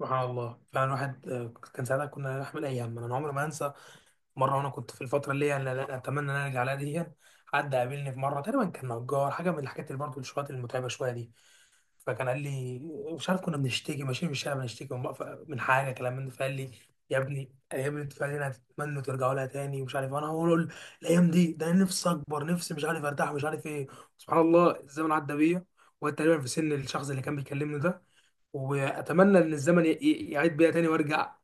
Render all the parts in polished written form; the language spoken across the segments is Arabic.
سبحان الله فعلا واحد كان ساعتها كنا نحمل ايام. انا عمري ما انسى مره وانا كنت في الفتره اللي هي أنا اتمنى ان انا ارجع لها دي. حد قابلني في مره، تقريبا كان نجار، حاجه من الحاجات اللي برضه الشغلات المتعبه شويه دي، فكان قال لي، مش عارف كنا بنشتكي ماشيين في الشارع بنشتكي من من حاجه كلام من ده، فقال لي يا ابني الايام اللي انتوا فعلا هتتمنوا ترجعوا لها تاني، ومش عارف انا هقول الايام دي، ده أنا نفسي اكبر نفسي مش عارف ارتاح ومش عارف ايه. سبحان الله الزمن عدى بيا وتقريبا في سن الشخص اللي كان بيكلمني ده، واتمنى ان الزمن يعيد بيا تاني وارجع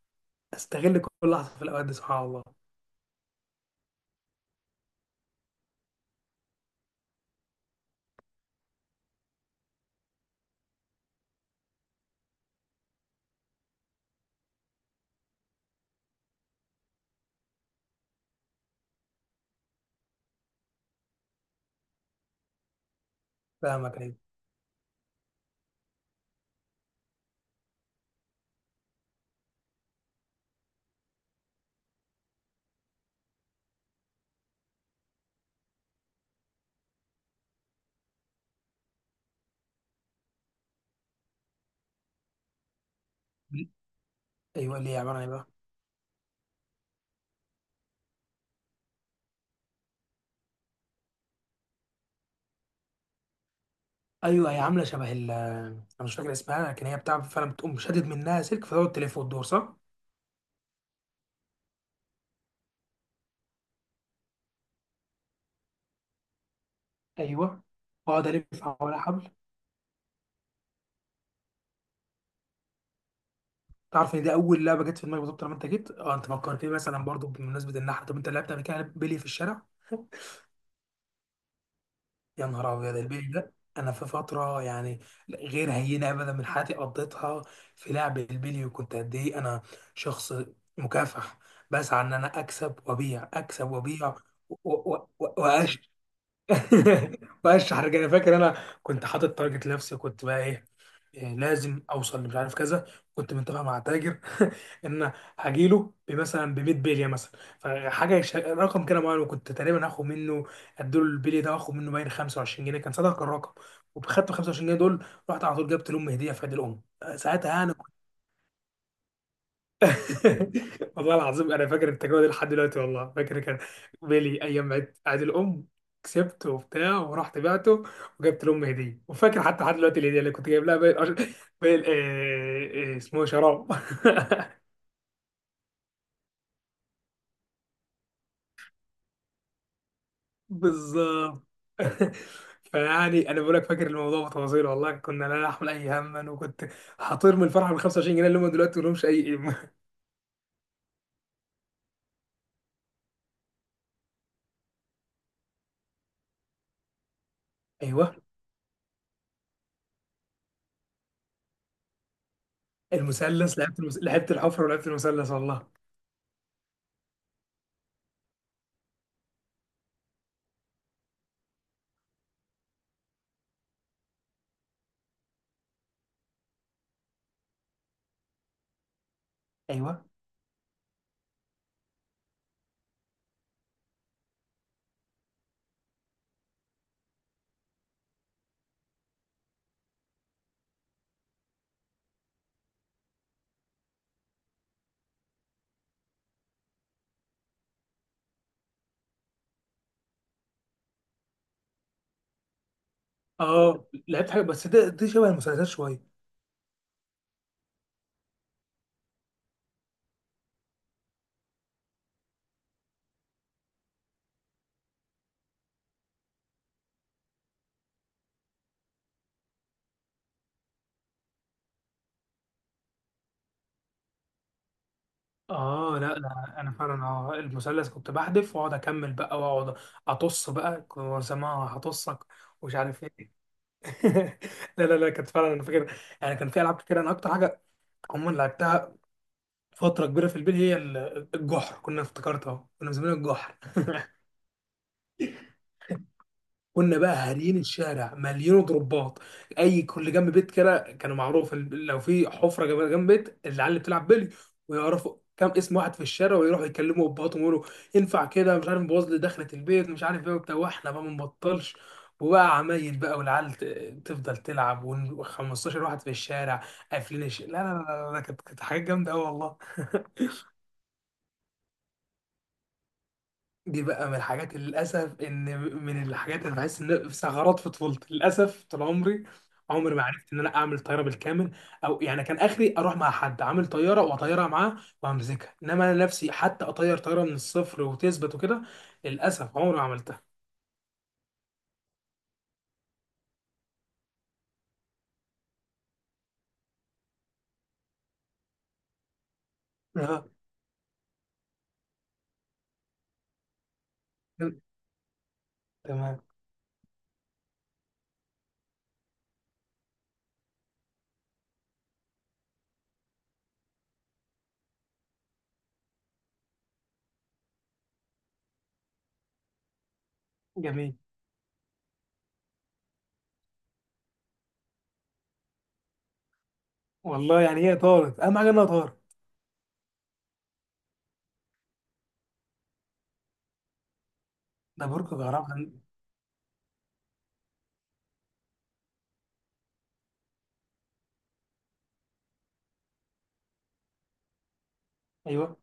استغل كل لحظه في الاوقات دي. سبحان الله. فاهمك، ايوه. ايوه ليه يا عمران، ايه بقى؟ ايوه أيوة، هي عامله شبه ال، انا مش فاكر اسمها، لكن هي بتاع فعلا بتقوم شادد منها سلك فتقعد تلف وتدور، صح؟ ايوه. اقعد الف حوالي حبل. تعرف ان دي اول لعبه جت في دماغي بالظبط لما انت جيت؟ اه انت فكرتني مثلا برضو بمناسبه النحله. طب انت لعبت قبل كده بيلي في الشارع؟ يا نهار ابيض، البيلي ده انا في فتره يعني غير هينه ابدا من حياتي قضيتها في لعب البيلي. وكنت قد ايه انا، شخص مكافح بسعى ان انا اكسب وابيع اكسب وابيع و- و- و- وأش- واشحر كده. انا فاكر انا كنت حاطط تارجت لنفسي، كنت بقى ايه، لازم اوصل لمش عارف كذا. كنت متفق مع تاجر، ان هجيله بمثلا ب 100 بليه مثلا، فحاجه رقم كده معين، وكنت تقريبا هاخد منه، اديله البلي ده واخد منه باين 25 جنيه كان صدق الرقم. وخدت 25 جنيه دول رحت على طول جبت لام هديه في عيد الام ساعتها يعني. والله العظيم انا فاكر التجربه دي لحد دلوقتي، والله فاكر كان بيلي ايام عيد، عيد الام، كسبته وبتاع، ورحت بعته وجبت لام هديه. وفاكر حتى لحد دلوقتي الهديه اللي كنت جايب لها، باقي باقي اسمه إيه، شراب. بالظبط. فيعني انا بقول لك فاكر الموضوع بتفاصيله، والله كنا لا نحمل اي هما، وكنت هطير من الفرحه بال 25 جنيه اللي هم دلوقتي ما لهمش اي قيمه. ايوه المثلث، لعبت الحفره ولعبت المثلث والله. ايوه اه، لعبت حاجه بس ده دي شبه المسلسلات شويه. اه لا لا، انا فعلا اه المثلث كنت بحذف واقعد اكمل بقى واقعد اطص بقى، كنت بسمعها هطصك ومش عارف ايه. لا لا لا، كانت فعلا انا فاكر يعني كان في العاب كتير. انا اكتر حاجه عموما لعبتها فتره كبيره في البيت هي الجحر، كنا افتكرتها كنا مسمينها الجحر. كنا بقى هاريين الشارع مليانه ضربات. اي كل جنب بيت كده كانوا معروف لو في حفره جنب جنب بيت العيال اللي بتلعب بلي، ويعرفوا كام اسم واحد في الشارع ويروحوا يكلموا ابهاتهم ويقولوا ينفع كده، مش عارف نبوظ لي دخلة البيت مش عارف ايه وبتاع، واحنا بقى ما نبطلش. وبقى عمايل بقى، والعيال تفضل تلعب و15 واحد في الشارع قافلين لا لا. لا لا لا، كانت كانت حاجات جامده قوي والله. دي بقى من الحاجات اللي للأسف، إن من الحاجات اللي بحس إن في ثغرات في طفولتي للأسف، طول عمري عمري ما عرفت إن أنا أعمل طيارة بالكامل. أو يعني كان آخري أروح مع حد عامل طيارة وأطيرها معاه وأمسكها، إنما أنا نفسي حتى أطير طيارة من الصفر وتثبت وكده. للأسف عمري ما عملتها. آه، تمام. جميل. والله يعني هي طارت، أهم حاجة إنها طارت. ده برج الغرام. أيوه.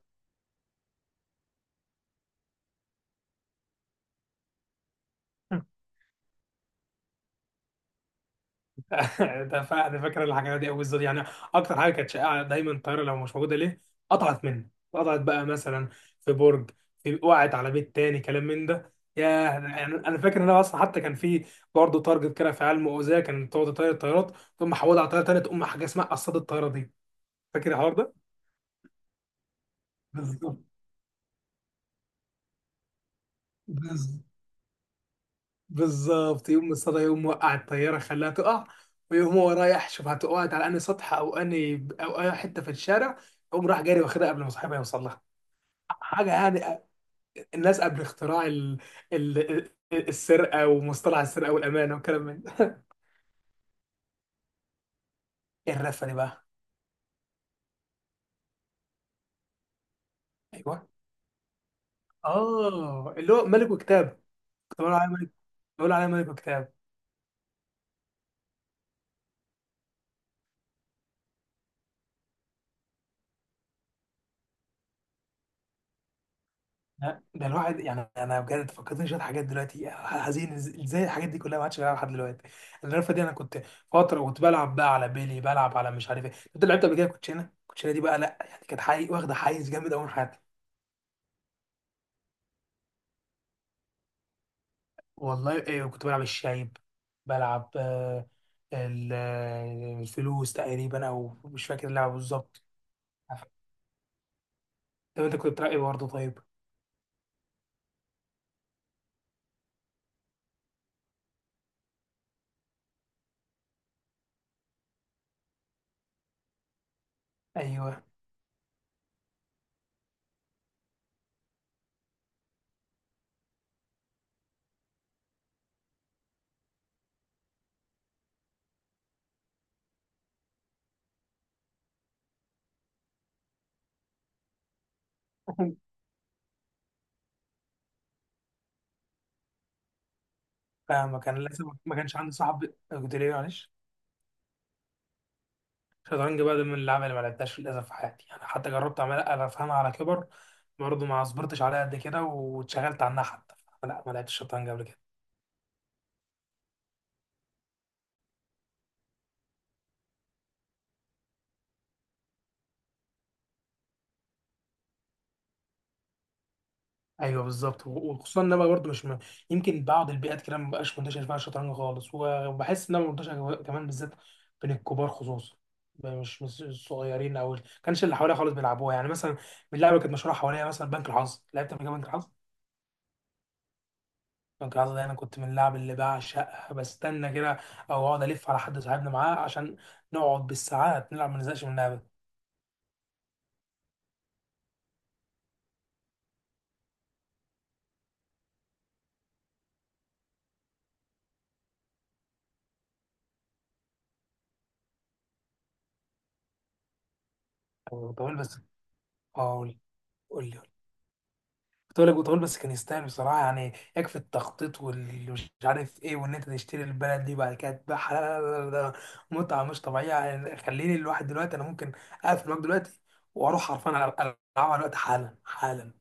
ده فاكر الحاجات دي قوي بالظبط يعني. اكتر حاجه كانت شائعه دايما الطياره لو مش موجوده ليه، قطعت منه، قطعت بقى مثلا في برج، في، وقعت على بيت تاني، كلام من ده. يا يعني انا فاكر ان انا اصلا حتى كان في برضه تارجت كده في علم اوزاع، كان تقعد تطير الطيارات تقوم محولها على طياره تانيه، تقوم حاجه اسمها قصاد الطياره دي، فاكر الحوار ده؟ بالظبط. بز- بالظبط يوم الصدى، يوم وقع الطياره خلاها تقع، ويقوم هو رايح شوف هتقعد على انهي سطح او انهي او اي حته في الشارع، يقوم راح جاري واخدها قبل ما صاحبها يوصل لها. حاجه يعني الناس قبل اختراع ال... السرقه ومصطلح السرقه والامانه والكلام من ده. إيه الرفه دي بقى؟ ايوه اه اللي هو ملك وكتاب. كنت بقول عليه ملك، بقول عليه ملك وكتاب. لا ده الواحد يعني انا بجد فكرتني شويه حاجات دلوقتي، حزين ازاي الحاجات دي كلها ما عادش بلعبها لحد دلوقتي. الرفه دي انا كنت فتره كنت بلعب بقى على بيلي، بلعب على مش عارف ايه، كنت لعبت قبل كده كوتشينه، الكوتشينه دي بقى لا يعني كانت حقيقي واخده حيز جامد قوي من حياتي. والله إيه، كنت بلعب الشايب، بلعب الفلوس تقريبا، او مش فاكر اللعبه بالظبط. طب انت كنت بتلعب ايه برضه طيب؟ ايوه. فاهمك. انا للاسف ما كانش عندي صاحب، قلت ليه معلش. الشطرنج بقى ده من اللعبه اللي ما لعبتهاش للاسف في حياتي، انا حتى جربت اعملها افهمها على كبر، برضه ما صبرتش عليها قد كده، واتشغلت عنها حتى. لا ما لعبتش الشطرنج قبل كده. ايوه بالظبط وخصوصا ان انا برضه مش م... يمكن بعض البيئات كده ما بقاش منتشر فيها الشطرنج خالص وبحس ان انا منتشر كمان بالذات بين الكبار خصوصا، مش مش الصغيرين او كانش اللي حواليا خالص بيلعبوها. يعني مثلا من اللعبه اللي كانت مشهوره حواليا مثلا بنك الحظ، لعبت قبل كده بنك الحظ؟ بنك الحظ ده انا كنت من اللعب اللي بعشقها، بستنى كده او اقعد الف على حد صاحبنا معاه، عشان نقعد بالساعات نلعب ما نزهقش من اللعبه. طويل بس، اه قول، قول لي. كنت اقول لك بتقول بس كان يستاهل بصراحه، يعني يكفي التخطيط واللي مش عارف ايه وان انت تشتري البلد دي وبعد كده تبيعها. لا لا لا لا ده متعه مش طبيعيه، يعني خليني الواحد دلوقتي انا ممكن اقفل معاك دلوقتي واروح حرفيا العبها دلوقتي حالا حالا.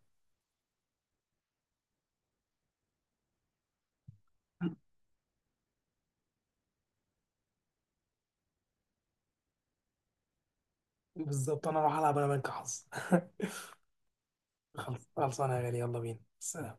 بالظبط انا اروح العب انا بنك حظ. خلصانه يا غالي، يلا بينا، سلام.